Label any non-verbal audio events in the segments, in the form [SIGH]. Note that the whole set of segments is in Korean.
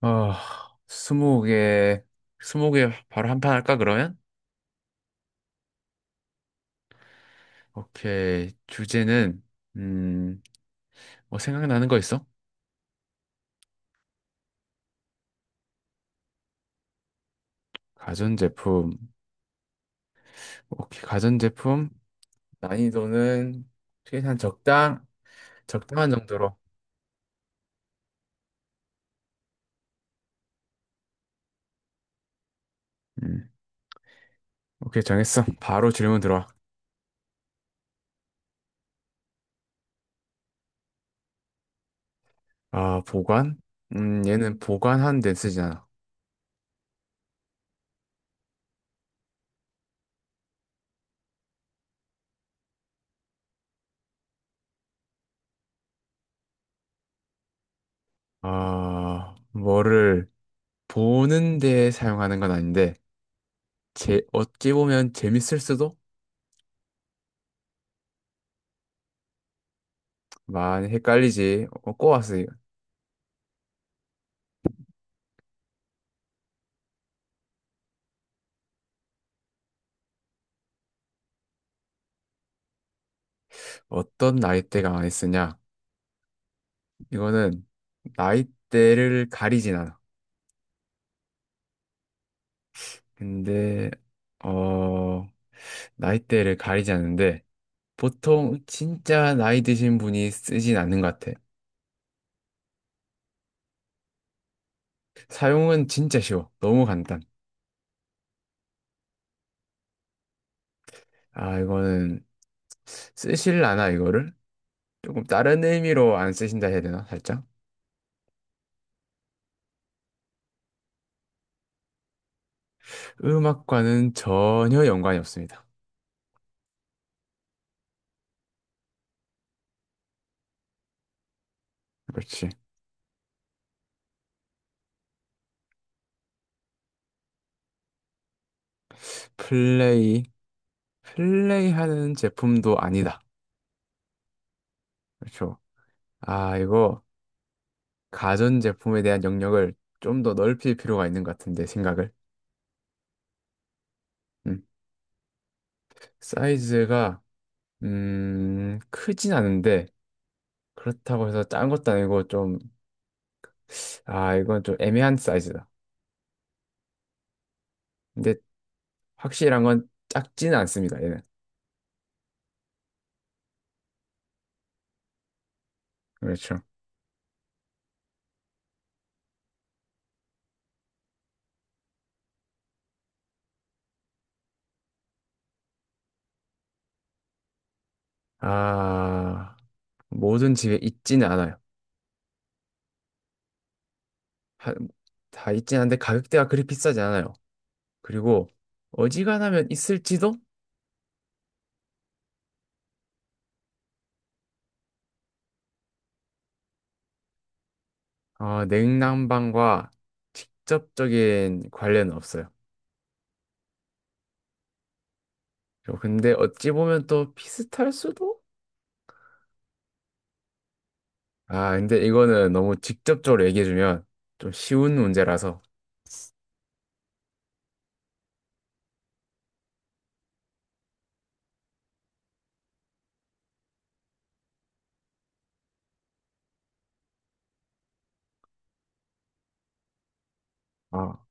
아, 스무 개, 스무 개 바로 한 판 할까, 그러면? 오케이. 주제는, 음, 뭐 생각나는 거 있어? 가전제품. 오케이, 가전제품. 난이도는 최대한 적당, 적당한 정도로. 음, 오케이, 정했어. 바로 질문 들어와. 아, 보관? 얘는 보관하는 데 쓰지 않아. 아, 뭐를 보는 데 사용하는 건 아닌데, 제, 어찌 보면 재밌을 수도? 많이 헷갈리지. 어, 꼬았어. 어떤 나이대가 많이 쓰냐? 이거는 나이대를 가리진 않아. 근데 어 나이대를 가리지 않는데 보통 진짜 나이 드신 분이 쓰진 않는 것 같아. 사용은 진짜 쉬워. 너무 간단. 아 이거는 쓰실라나 이거를? 조금 다른 의미로 안 쓰신다 해야 되나? 살짝? 음악과는 전혀 연관이 없습니다. 그렇지. 플레이 플레이하는 제품도 아니다. 그렇죠. 아 이거 가전제품에 대한 영역을 좀 더 넓힐 필요가 있는 것 같은데, 생각을. 음. 사이즈가, 크진 않은데, 그렇다고 해서 작은 것도 아니고 좀, 아, 이건 좀 애매한 사이즈다. 근데 확실한 건 작지는 않습니다, 얘는. 그렇죠. 아, 모든 집에 있지는 않아요. 하- 다 있진 않은데 가격대가 그리 비싸지 않아요. 그리고 어지간하면 있을지도, 어, 냉난방과 직접적인 관련은 없어요. 어, 근데 어찌 보면 또 비슷할 수도? 아, 근데 이거는 너무 직접적으로 얘기해주면 좀 쉬운 문제라서. 아,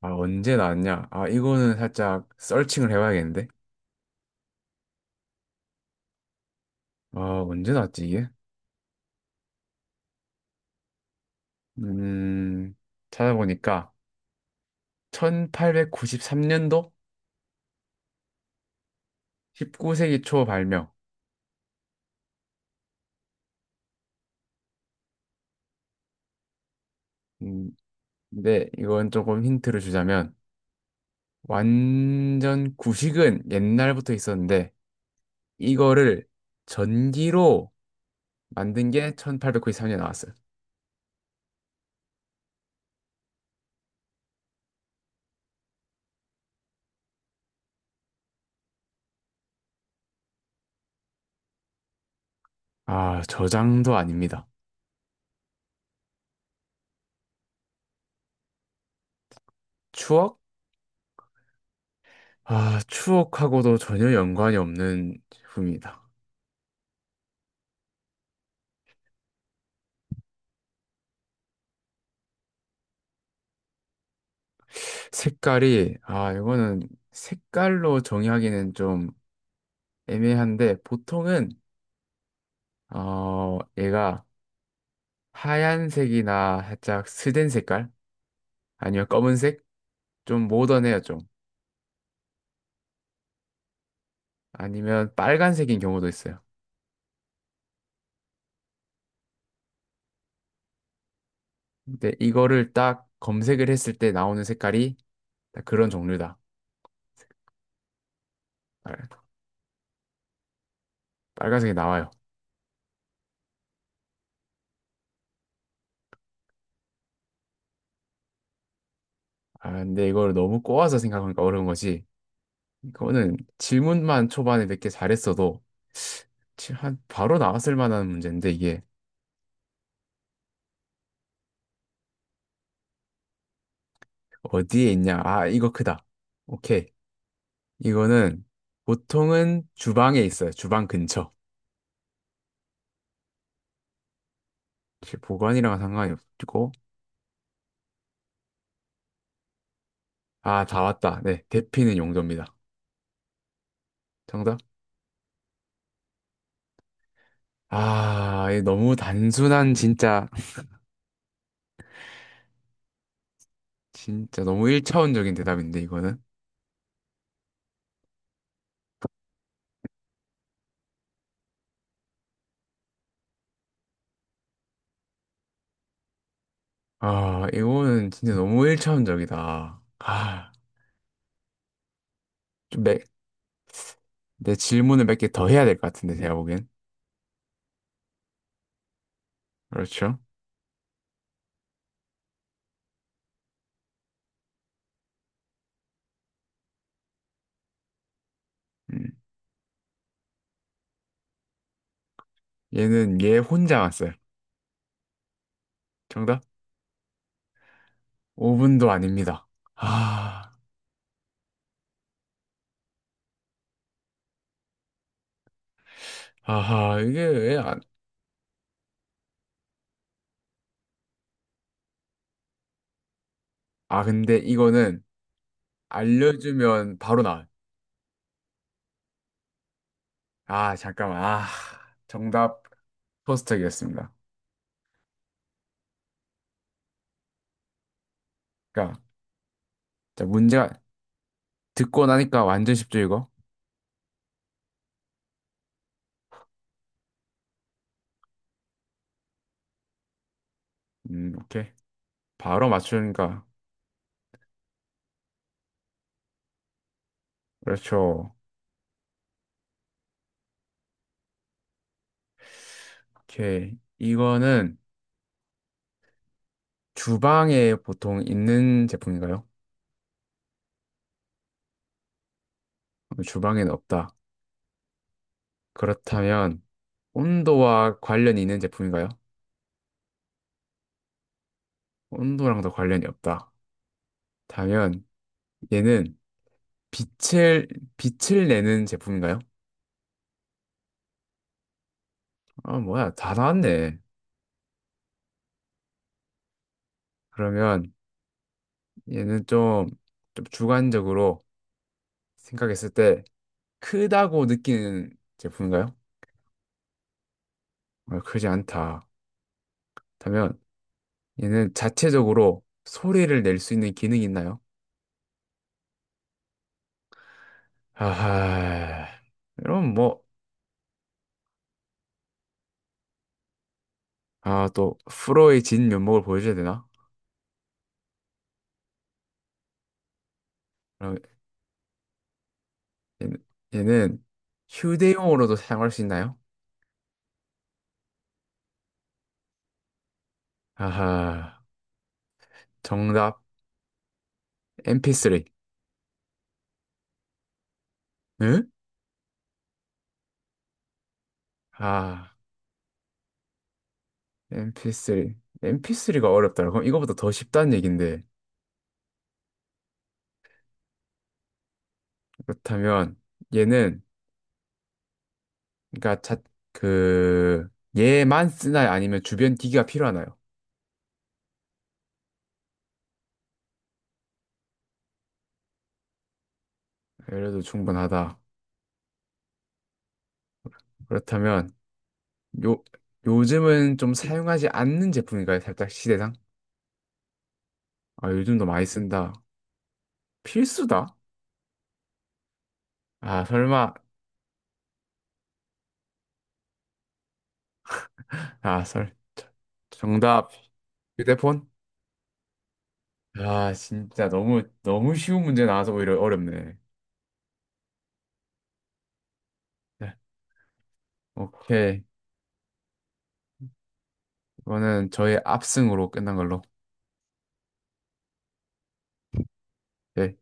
아, 언제 나왔냐? 아, 이거는 살짝 서칭을 해봐야겠는데? 아, 언제 나왔지, 이게? 음, 찾아보니까 1893년도 19세기 초 발명. 음, 근데 이건 조금 힌트를 주자면 완전 구식은 옛날부터 있었는데 이거를 전기로 만든 게 1893년에 나왔어요. 아, 저장도 아닙니다. 추억? 아, 추억하고도 전혀 연관이 없는 제품입니다. 색깔이, 아, 이거는 색깔로 정의하기는 좀 애매한데, 보통은, 어, 얘가 하얀색이나 살짝 스된 색깔? 아니면 검은색? 좀 모던해요, 좀. 아니면 빨간색인 경우도 있어요. 근데 이거를 딱 검색을 했을 때 나오는 색깔이 딱 그런 종류다. 빨- 빨간색이 나와요. 아, 근데 이걸 너무 꼬아서 생각하니까 어려운 거지. 이거는 질문만 초반에 몇 개 잘했어도 지- 한 바로 나왔을 만한 문제인데 이게 어디에 있냐? 아, 이거 크다. 오케이. 이거는 보통은 주방에 있어요. 주방 근처. 혹시 보관이랑 상관이 없고. 아, 다 왔다. 네, 대피는 용도입니다. 정답? 아, 이 너무 단순한 진짜 [LAUGHS] 진짜 너무 1차원적인 대답인데 이거는. 아, 이거는 진짜 너무 1차원적이다. 아, 좀 매, 내 질문을 몇 개 더 해야 될 것 같은데, 제가 보기엔. 그렇죠? 음. 얘는 얘 혼자 왔어요. 정답? 오 분도 아닙니다. 아, 아하, 이게 왜 안, 아, 근데 이거는 알려주면 바로 나와요. 아, 잠깐만. 아, 정답 토스트기였습니다. 그러니까, 자, 문제가 듣고 나니까 완전 쉽죠, 이거? 오케이. 바로 맞추니까. 그렇죠. 오케이. 이거는 주방에 보통 있는 제품인가요? 주방에는 없다. 그렇다면 온도와 관련이 있는 제품인가요? 온도랑도 관련이 없다. 다면 얘는 빛을 빛을 내는 제품인가요? 아 뭐야 다 나왔네. 그러면 얘는 좀, 좀 주관적으로 생각했을 때 크다고 느끼는 제품인가요? 아, 크지 않다. 다면 얘는 자체적으로 소리를 낼 수 있는 기능이 있나요? 아하 이럼 뭐 아 또 프로의 진면목을 보여줘야 되나? 얘는, 얘는 휴대용으로도 사용할 수 있나요? 아하, 정답, MP3. 응? 아, MP3. MP3가 어렵더라. 그럼 이거보다 더 쉽다는 얘긴데. 그렇다면, 얘는, 그니까, 자, 그, 얘만 쓰나요? 아니면 주변 기기가 필요하나요? 그래도 충분하다. 그렇다면, 요, 요즘은 좀 사용하지 않는 제품인가요? 살짝 시대상? 아, 요즘도 많이 쓴다. 필수다? 아, 설마, 아, 설. 정답. 휴대폰? 아, 진짜 너무, 너무 쉬운 문제 나와서 오히려 어렵네. 네, 오케이. 이거는 저의 압승으로 끝난 걸로. 네.